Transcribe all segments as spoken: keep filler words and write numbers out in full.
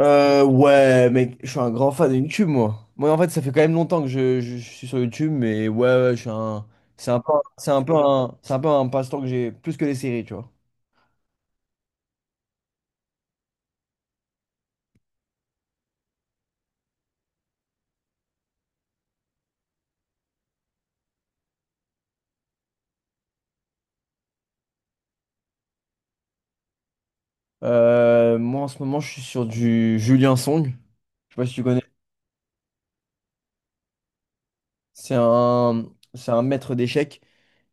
Euh, ouais, mec, je suis un grand fan de YouTube, moi. Moi, en fait, ça fait quand même longtemps que je, je- je suis sur YouTube, mais ouais, ouais, je suis un. C'est un peu, c'est un peu un, c'est un peu un passe-temps que j'ai plus que les séries, tu vois. Euh, moi, en ce moment, je suis sur du Julien Song. Je sais pas si tu connais. C'est un, c'est un maître d'échecs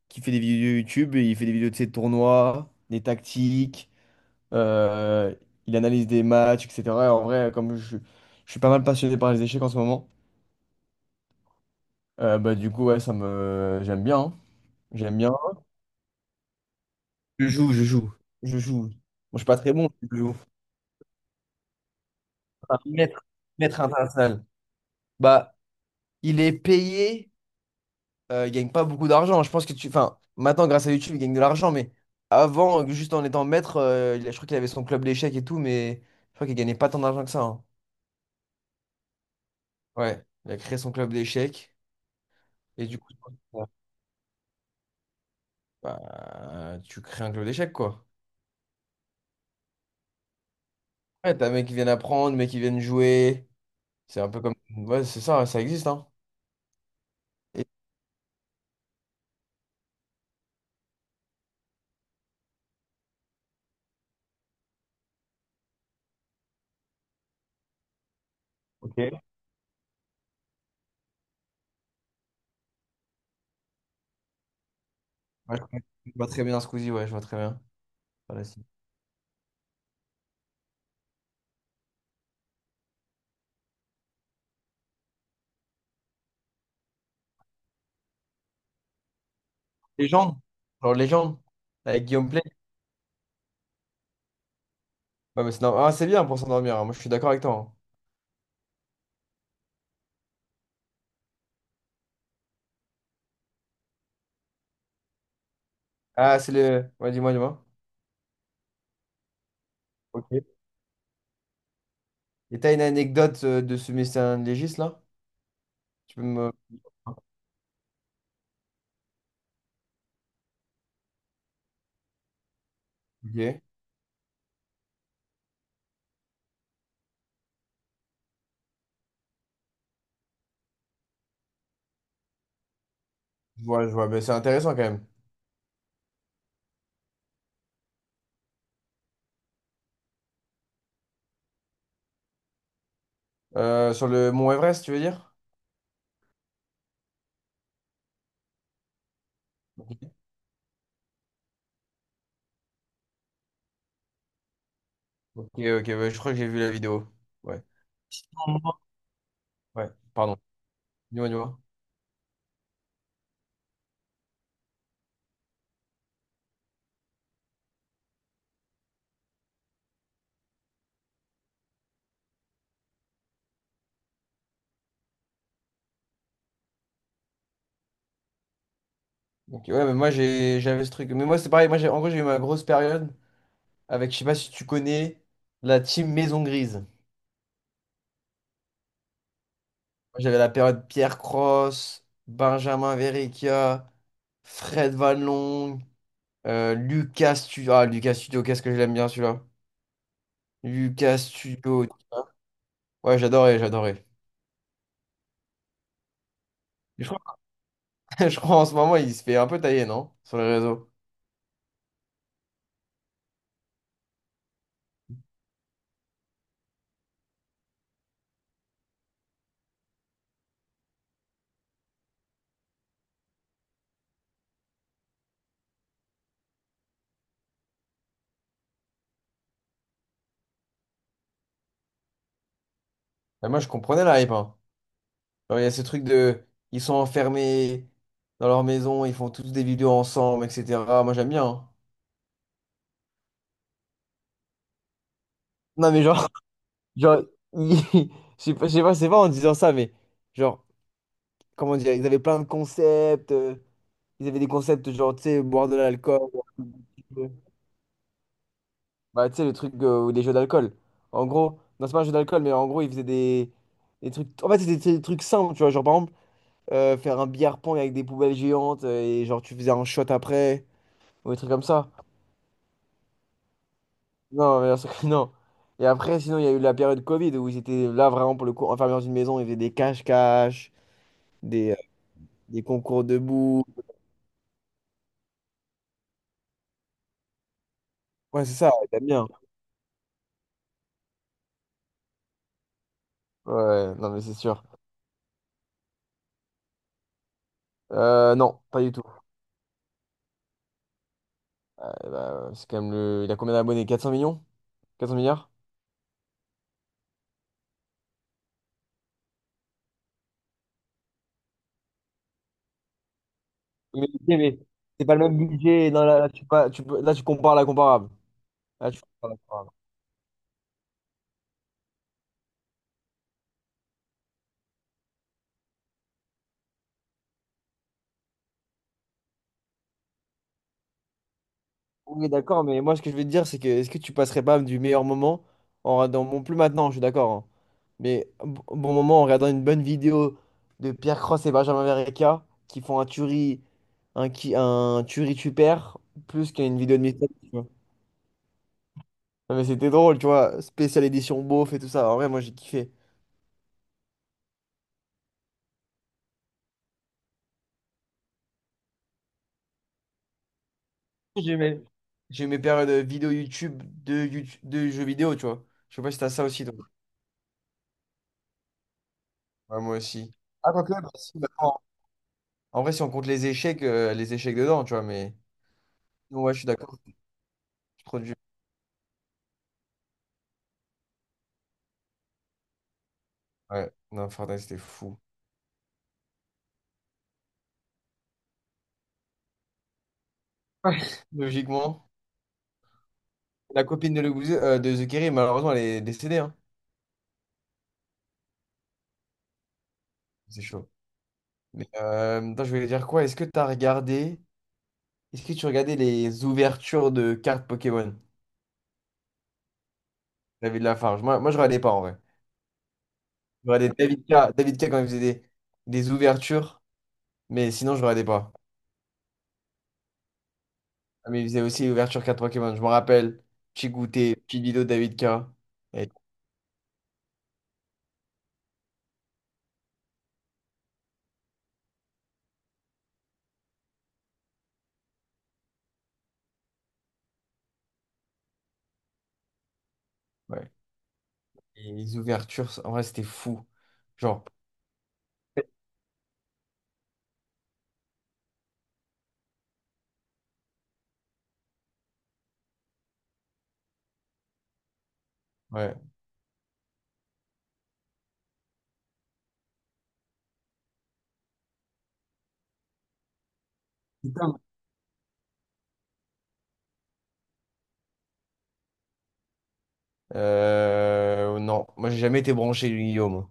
qui fait des vidéos YouTube, et il fait des vidéos de ses tournois, des tactiques, euh, il analyse des matchs, et cetera. En vrai, comme je, je suis pas mal passionné par les échecs en ce moment. Euh, bah du coup, ouais, ça me... J'aime bien, hein. J'aime bien. Je joue, je joue, je joue. Bon, je suis pas très bon, je joue. Un maître, maître international. Bah, il est payé, euh, il gagne pas beaucoup d'argent. Je pense que tu... Enfin, maintenant, grâce à YouTube, il gagne de l'argent, mais avant, juste en étant maître, euh, il- je crois qu'il avait son club d'échecs et tout, mais je crois qu'il gagnait pas tant d'argent que ça, hein. Ouais, il a créé son club d'échecs. Et du coup, ouais, bah, tu crées un club d'échecs, quoi. Ouais, t'as des mecs qui viennent apprendre, mecs qui viennent jouer. C'est un peu comme. Ouais, c'est ça, ça existe, hein. Et... Ok, ouais, je vois très bien Squeezie, ouais, je vois très bien. Voilà, c'est- Légende? Genre Légende, avec Guillaume Play. Ouais, mais c'est norm- ah, c'est bien pour s'endormir, hein. Moi je suis d'accord avec toi, hein. Ah, c'est le. Ouais, dis-moi, dis-moi. Ok. Et t'as une anecdote euh, de ce mystère légiste là? Tu peux me. Ok. Je vois, je vois, mais c'est intéressant quand même. Euh, sur le Mont Everest, tu veux dire? Ok, ok, ouais, je crois que j'ai vu la vidéo. Ouais, ouais, pardon. Dis-moi, dis-moi. Ok, ouais, mais moi, j'ai, j'avais ce truc. Mais moi, c'est pareil. Moi, j'ai, en gros, j'ai eu ma grosse période avec, je sais pas si tu connais, la team Maison Grise. Moi, j'avais la période Pierre Cross, Benjamin Verrecchia, Fred Vallon, euh, Lucas Studio. Ah, Lucas Studio, qu'est-ce que je l'aime bien celui-là. Lucas Studio, tu vois. Ouais, j'adorais, j'adorais. Je crois, je crois en ce moment, il se fait un peu tailler, non? Sur les réseaux. Mais moi, je comprenais la hype, hein. Genre, il y a ce truc de. Ils sont enfermés dans leur maison, ils font tous des vidéos ensemble, et cetera. Moi, j'aime bien, hein. Non, mais genre, genre, ils- je sais pas, je sais pas, c'est pas en disant ça, mais genre, comment dire, ils avaient plein de concepts, euh, ils avaient des concepts genre, tu sais, boire de l'alcool, bah, tu sais, le truc euh, ou des jeux d'alcool. En gros, non, c'est pas un jeu d'alcool, mais en gros, ils faisaient des, des trucs, en fait, c'était des trucs simples, tu vois, genre, par exemple, euh, faire un billard pong avec des poubelles géantes, euh, et genre, tu faisais un shot après, ou des trucs comme ça. Non, bien sûr que non. Et après, sinon, il y a eu la période Covid où ils étaient là vraiment pour le coup enfermés dans une maison, ils faisaient des cache-cache, des, euh, des concours debout. Ouais, c'est ça, t'aimes bien. Ouais, non, mais c'est sûr. Euh, non, pas du tout. Euh, bah, c'est quand même le. Il a combien d'abonnés? quatre cents millions? quatre cents milliards? Oui, Mais, mais c'est pas le même budget. Non, là, là, tu, pas, tu peux- là, tu compares la comparable. Là, tu compares la comparable. Oui, d'accord, mais moi, ce que je veux te dire, c'est que est-ce que tu passerais pas du meilleur moment en regardant, bon, plus maintenant, je suis d'accord, hein, mais un b- bon moment en regardant une bonne vidéo de Pierre Cross et Benjamin Verrecka qui font un tuerie, un, qui, un tuerie tu perds, plus qu'une vidéo de Mistral, tu vois. Non, mais c'était drôle, tu vois, spéciale édition beauf et tout ça. En vrai, moi, j'ai kiffé. J'ai mes, j'ai mes périodes vidéo YouTube de, YouTube de jeux vidéo, tu vois. Je sais pas si t'as ça aussi, toi. Ouais, moi aussi. Ah, quoique, bah, si, maintenant, en vrai, si on compte les échecs, euh, les échecs dedans, tu vois, mais. Ouais, je suis d'accord. C'est trop dur. Ouais, non, Fortnite, c'était fou. Ouais. Logiquement. La copine de, le, euh, de The Kerry, malheureusement, elle est décédée, hein. C'est chaud. Mais euh, attends, je voulais dire quoi? Est-ce que tu as regardé. Est-ce que tu regardais les ouvertures de cartes Pokémon? David Lafarge. Moi, moi je regardais pas en vrai. Je regardais David K, David K quand il faisait des, des ouvertures, mais sinon, je regardais pas. Ah, mais il faisait aussi ouverture ouvertures cartes Pokémon. Je me rappelle. Petit goûter, petite vidéo de David K. Et, ouais. Et les ouvertures, en vrai, c'était fou. Genre, ouais. Putain. Euh, non, moi, j'ai jamais été branché, Guillaume.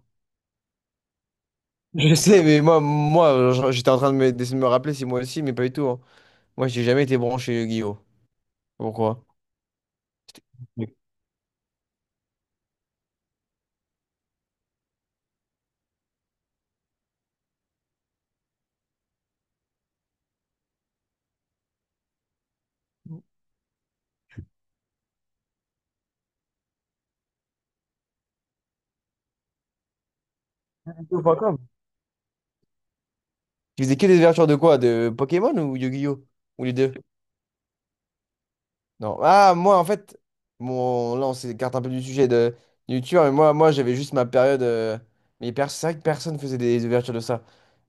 Je sais, mais moi, moi je- j'étais en train de me, de me rappeler si moi aussi, mais pas du tout, hein. Moi, j'ai jamais été branché, Guillaume. Pourquoi? Mais crypto point com. Tu faisais que des ouvertures de quoi? De Pokémon ou Yu-Gi-Oh? Ou les deux? Non. Ah, moi, en fait, mon... là, on s'écarte un peu du sujet de du youtubeur, mais moi, moi j'avais juste ma période. Euh, Mais pers- c'est vrai que personne faisait des ouvertures de ça.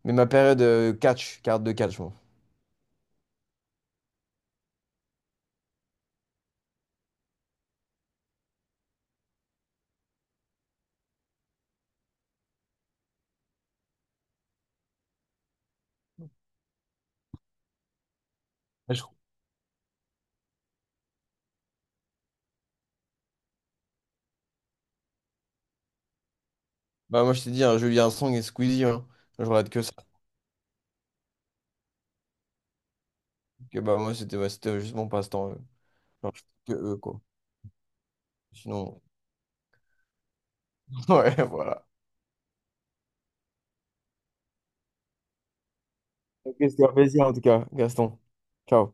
Mais ma période euh, catch, carte de catch, moi. Ouais, je- Bah, moi, je t'ai dit, hein, Julien Song et Squeezie, hein. Je regarde que ça. Que, bah, moi, c'était ouais, c'était juste mon passe-temps. euh. Genre, je- que eux, quoi. Sinon, ouais, voilà. Ok, c'était un plaisir, en tout cas, Gaston. Ciao.